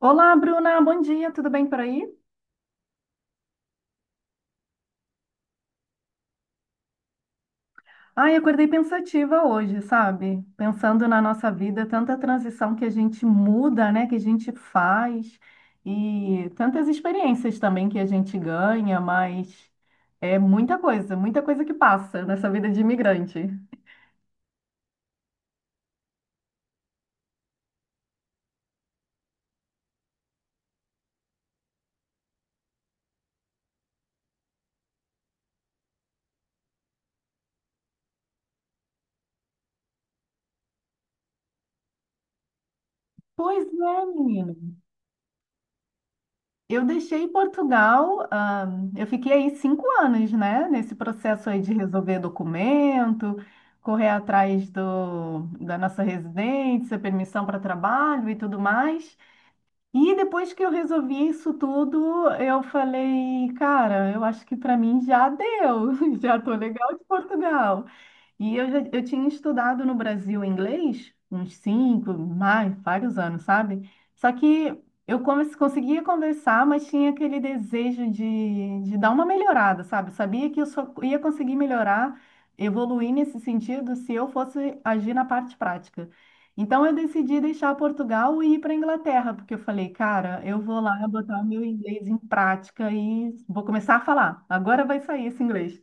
Olá, Bruna, bom dia, tudo bem por aí? Ai, acordei pensativa hoje, sabe? Pensando na nossa vida, tanta transição que a gente muda, né? Que a gente faz e tantas experiências também que a gente ganha, mas é muita coisa que passa nessa vida de imigrante. Pois é, menina. Eu deixei Portugal, eu fiquei aí 5 anos, né? Nesse processo aí de resolver documento, correr atrás da nossa residência, permissão para trabalho e tudo mais. E depois que eu resolvi isso tudo, eu falei, cara, eu acho que para mim já deu, já tô legal de Portugal. E eu tinha estudado no Brasil inglês uns 5, mais, vários anos, sabe? Só que eu conseguia conversar, mas tinha aquele desejo de dar uma melhorada, sabe? Eu sabia que eu só ia conseguir melhorar, evoluir nesse sentido se eu fosse agir na parte prática. Então eu decidi deixar Portugal e ir para Inglaterra, porque eu falei, cara, eu vou lá botar o meu inglês em prática e vou começar a falar. Agora vai sair esse inglês.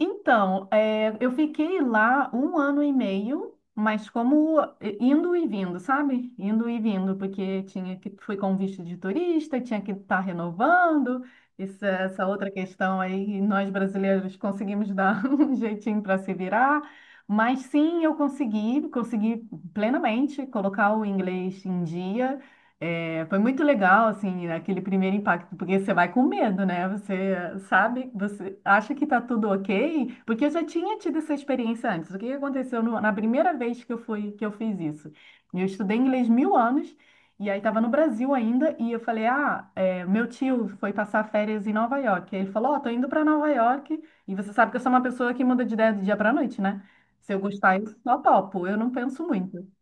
Então, eu fiquei lá um ano e meio, mas como indo e vindo, sabe? Indo e vindo, porque tinha que fui com visto de turista, tinha que estar renovando. Isso, essa outra questão aí, nós brasileiros conseguimos dar um jeitinho para se virar. Mas sim, eu consegui, consegui plenamente colocar o inglês em dia. É, foi muito legal, assim, aquele primeiro impacto, porque você vai com medo, né? Você sabe, você acha que tá tudo ok, porque eu já tinha tido essa experiência antes. O que que aconteceu na primeira vez que eu fui, que eu fiz isso? Eu estudei inglês mil anos, e aí estava no Brasil ainda, e eu falei, ah, é, meu tio foi passar férias em Nova York. Aí ele falou, ó, tô indo para Nova York, e você sabe que eu sou uma pessoa que muda de ideia do dia para noite, né? Se eu gostar, eu só topo, eu não penso muito.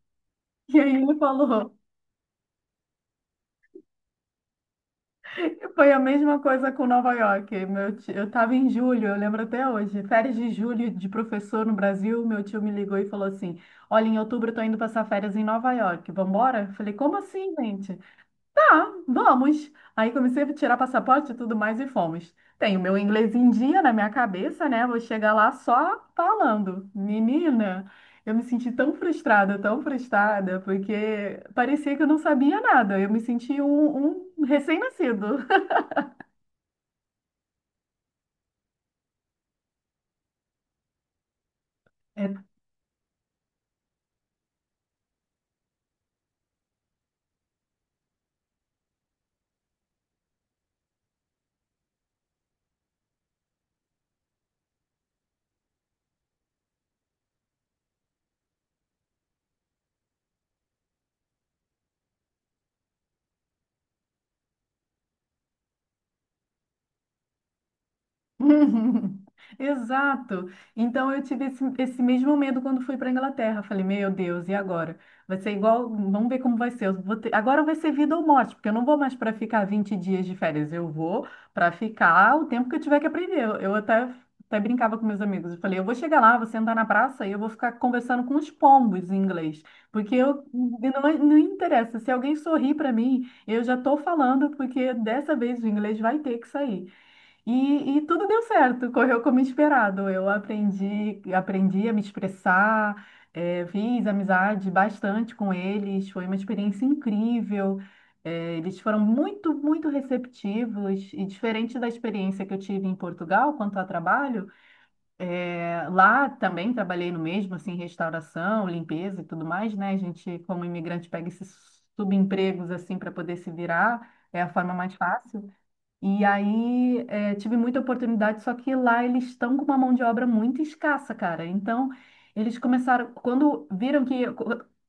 E aí ele falou. E foi a mesma coisa com Nova York. Meu tio, eu estava em julho, eu lembro até hoje, férias de julho de professor no Brasil. Meu tio me ligou e falou assim: Olha, em outubro eu tô indo passar férias em Nova York, vambora? Eu falei, como assim, gente? Tá, vamos. Aí comecei a tirar passaporte e tudo mais e fomos. Tenho meu inglês em dia na minha cabeça, né? Vou chegar lá só falando. Menina, eu me senti tão frustrada, porque parecia que eu não sabia nada. Eu me senti um recém-nascido. É. Uhum. Exato. Então eu tive esse, esse mesmo medo quando fui para Inglaterra. Falei, meu Deus, e agora? Vai ser igual, vamos ver como vai ser. Eu vou ter- Agora vai ser vida ou morte, porque eu não vou mais para ficar 20 dias de férias. Eu vou para ficar o tempo que eu tiver que aprender. Eu até, até brincava com meus amigos. Eu falei, eu vou chegar lá, vou sentar na praça e eu vou ficar conversando com os pombos em inglês, porque eu não, não interessa. Se alguém sorrir para mim, eu já estou falando, porque dessa vez o inglês vai ter que sair. E tudo deu certo, correu como esperado. Eu aprendi, aprendi a me expressar, fiz amizade bastante com eles, foi uma experiência incrível. Eles foram muito, muito receptivos e diferente da experiência que eu tive em Portugal quanto a trabalho, lá também trabalhei no mesmo, assim, restauração, limpeza e tudo mais, né? A gente, como imigrante, pega esses subempregos assim para poder se virar, é a forma mais fácil. E aí, tive muita oportunidade, só que lá eles estão com uma mão de obra muito escassa, cara. Então, eles começaram, quando viram que,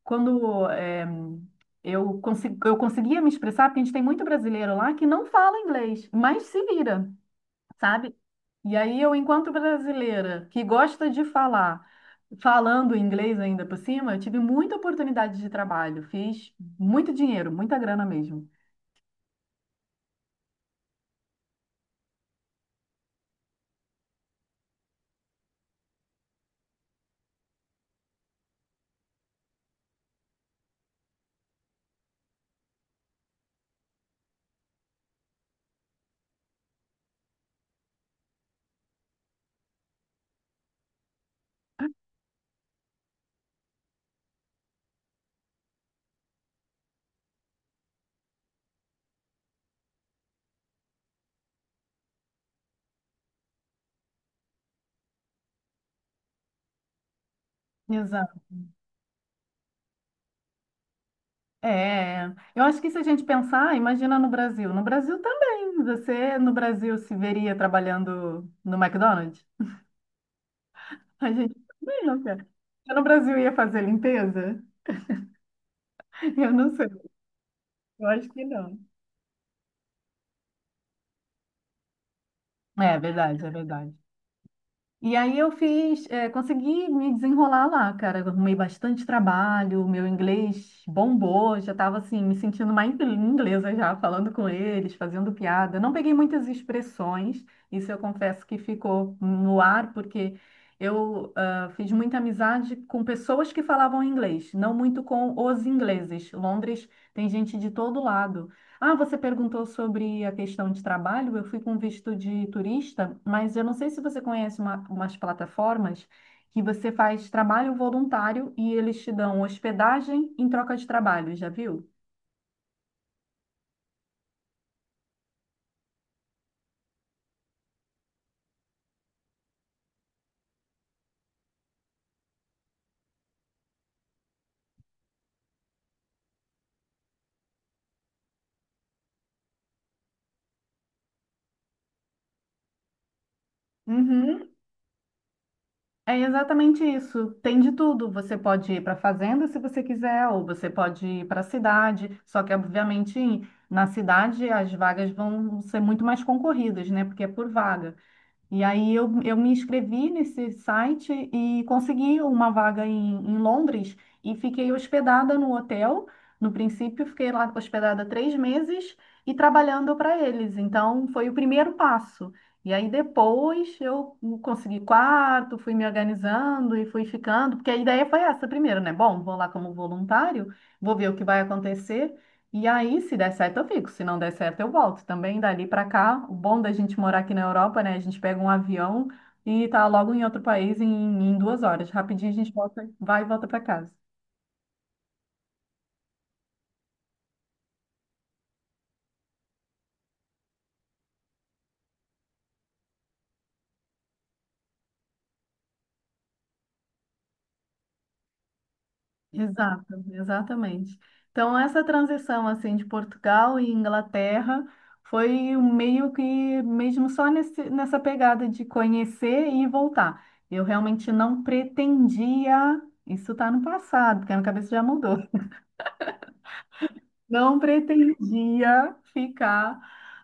quando eu conseguia me expressar, porque a gente tem muito brasileiro lá que não fala inglês, mas se vira, sabe? E aí, eu, enquanto brasileira, que gosta de falar, falando inglês ainda por cima, eu tive muita oportunidade de trabalho, fiz muito dinheiro, muita grana mesmo. É, eu acho que se a gente pensar, imagina no Brasil. No Brasil também. Você no Brasil se veria trabalhando no McDonald's? A gente também não quer. Eu no Brasil ia fazer limpeza? Eu não sei. Eu acho que não. É verdade, é verdade. E aí eu fiz, consegui me desenrolar lá, cara. Eu arrumei bastante trabalho, meu inglês bombou, já estava assim, me sentindo mais inglesa já, falando com eles, fazendo piada. Não peguei muitas expressões, isso eu confesso que ficou no ar, porque eu fiz muita amizade com pessoas que falavam inglês, não muito com os ingleses. Londres tem gente de todo lado. Ah, você perguntou sobre a questão de trabalho. Eu fui com visto de turista, mas eu não sei se você conhece umas plataformas que você faz trabalho voluntário e eles te dão hospedagem em troca de trabalho, já viu? Uhum. É exatamente isso. Tem de tudo. Você pode ir para a fazenda se você quiser, ou você pode ir para a cidade. Só que, obviamente, na cidade as vagas vão ser muito mais concorridas, né? Porque é por vaga. E aí eu me inscrevi nesse site e consegui uma vaga em Londres e fiquei hospedada no hotel. No princípio, fiquei lá hospedada 3 meses e trabalhando para eles. Então, foi o primeiro passo. E aí depois eu consegui quarto, fui me organizando e fui ficando, porque a ideia foi essa primeiro, né? Bom, vou lá como voluntário, vou ver o que vai acontecer. E aí, se der certo, eu fico. Se não der certo, eu volto. Também dali para cá, o bom da gente morar aqui na Europa, né? A gente pega um avião e tá logo em outro país em 2 horas. Rapidinho a gente volta, vai e volta para casa. Exato, exatamente. Então, essa transição assim de Portugal e Inglaterra foi um meio que mesmo só nessa pegada de conhecer e voltar. Eu realmente não pretendia. Isso está no passado, porque a minha cabeça já mudou. Não pretendia ficar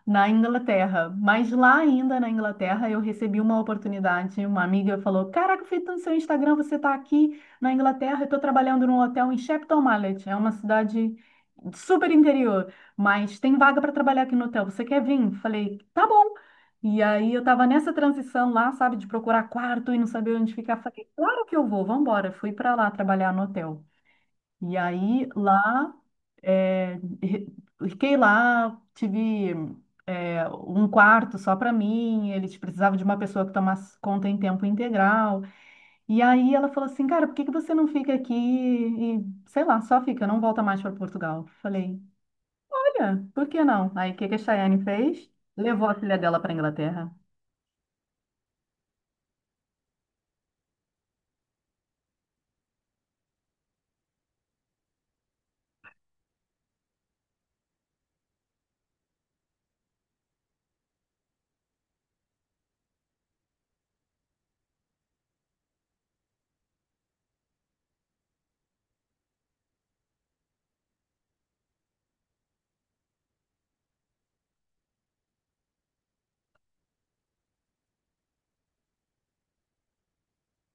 na Inglaterra, mas lá ainda na Inglaterra eu recebi uma oportunidade. Uma amiga falou: Caraca, eu vi no seu Instagram, você está aqui na Inglaterra, eu estou trabalhando num hotel em Shepton Mallet, é uma cidade super interior, mas tem vaga para trabalhar aqui no hotel, você quer vir? Falei: Tá bom. E aí eu estava nessa transição lá, sabe, de procurar quarto e não saber onde ficar. Falei: Claro que eu vou, vambora. Fui para lá trabalhar no hotel. E aí lá é, re- fiquei lá, tive um quarto só para mim, eles precisavam de uma pessoa que tomasse conta em tempo integral. E aí ela falou assim, cara, por que que você não fica aqui e, sei lá, só fica, não volta mais para Portugal? Falei, olha, por que não? Aí o que que a Chayane fez? Levou a filha dela para Inglaterra.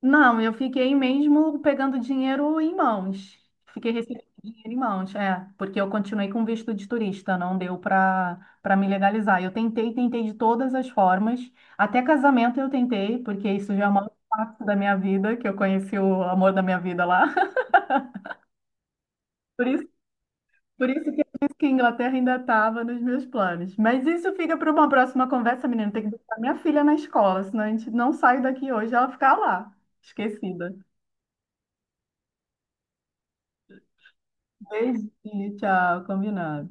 Não, eu fiquei mesmo pegando dinheiro em mãos. Fiquei recebendo dinheiro em mãos, é, porque eu continuei com visto de turista, não deu para me legalizar. Eu tentei, tentei de todas as formas, até casamento eu tentei, porque isso já é uma parte da minha vida, que eu conheci o amor da minha vida lá. Por isso, por isso que eu disse que a Inglaterra ainda estava nos meus planos. Mas isso fica para uma próxima conversa, menina. Tem que buscar minha filha na escola, senão a gente não sai daqui hoje, ela ficar lá, esquecida. Beijinho, tchau, combinado.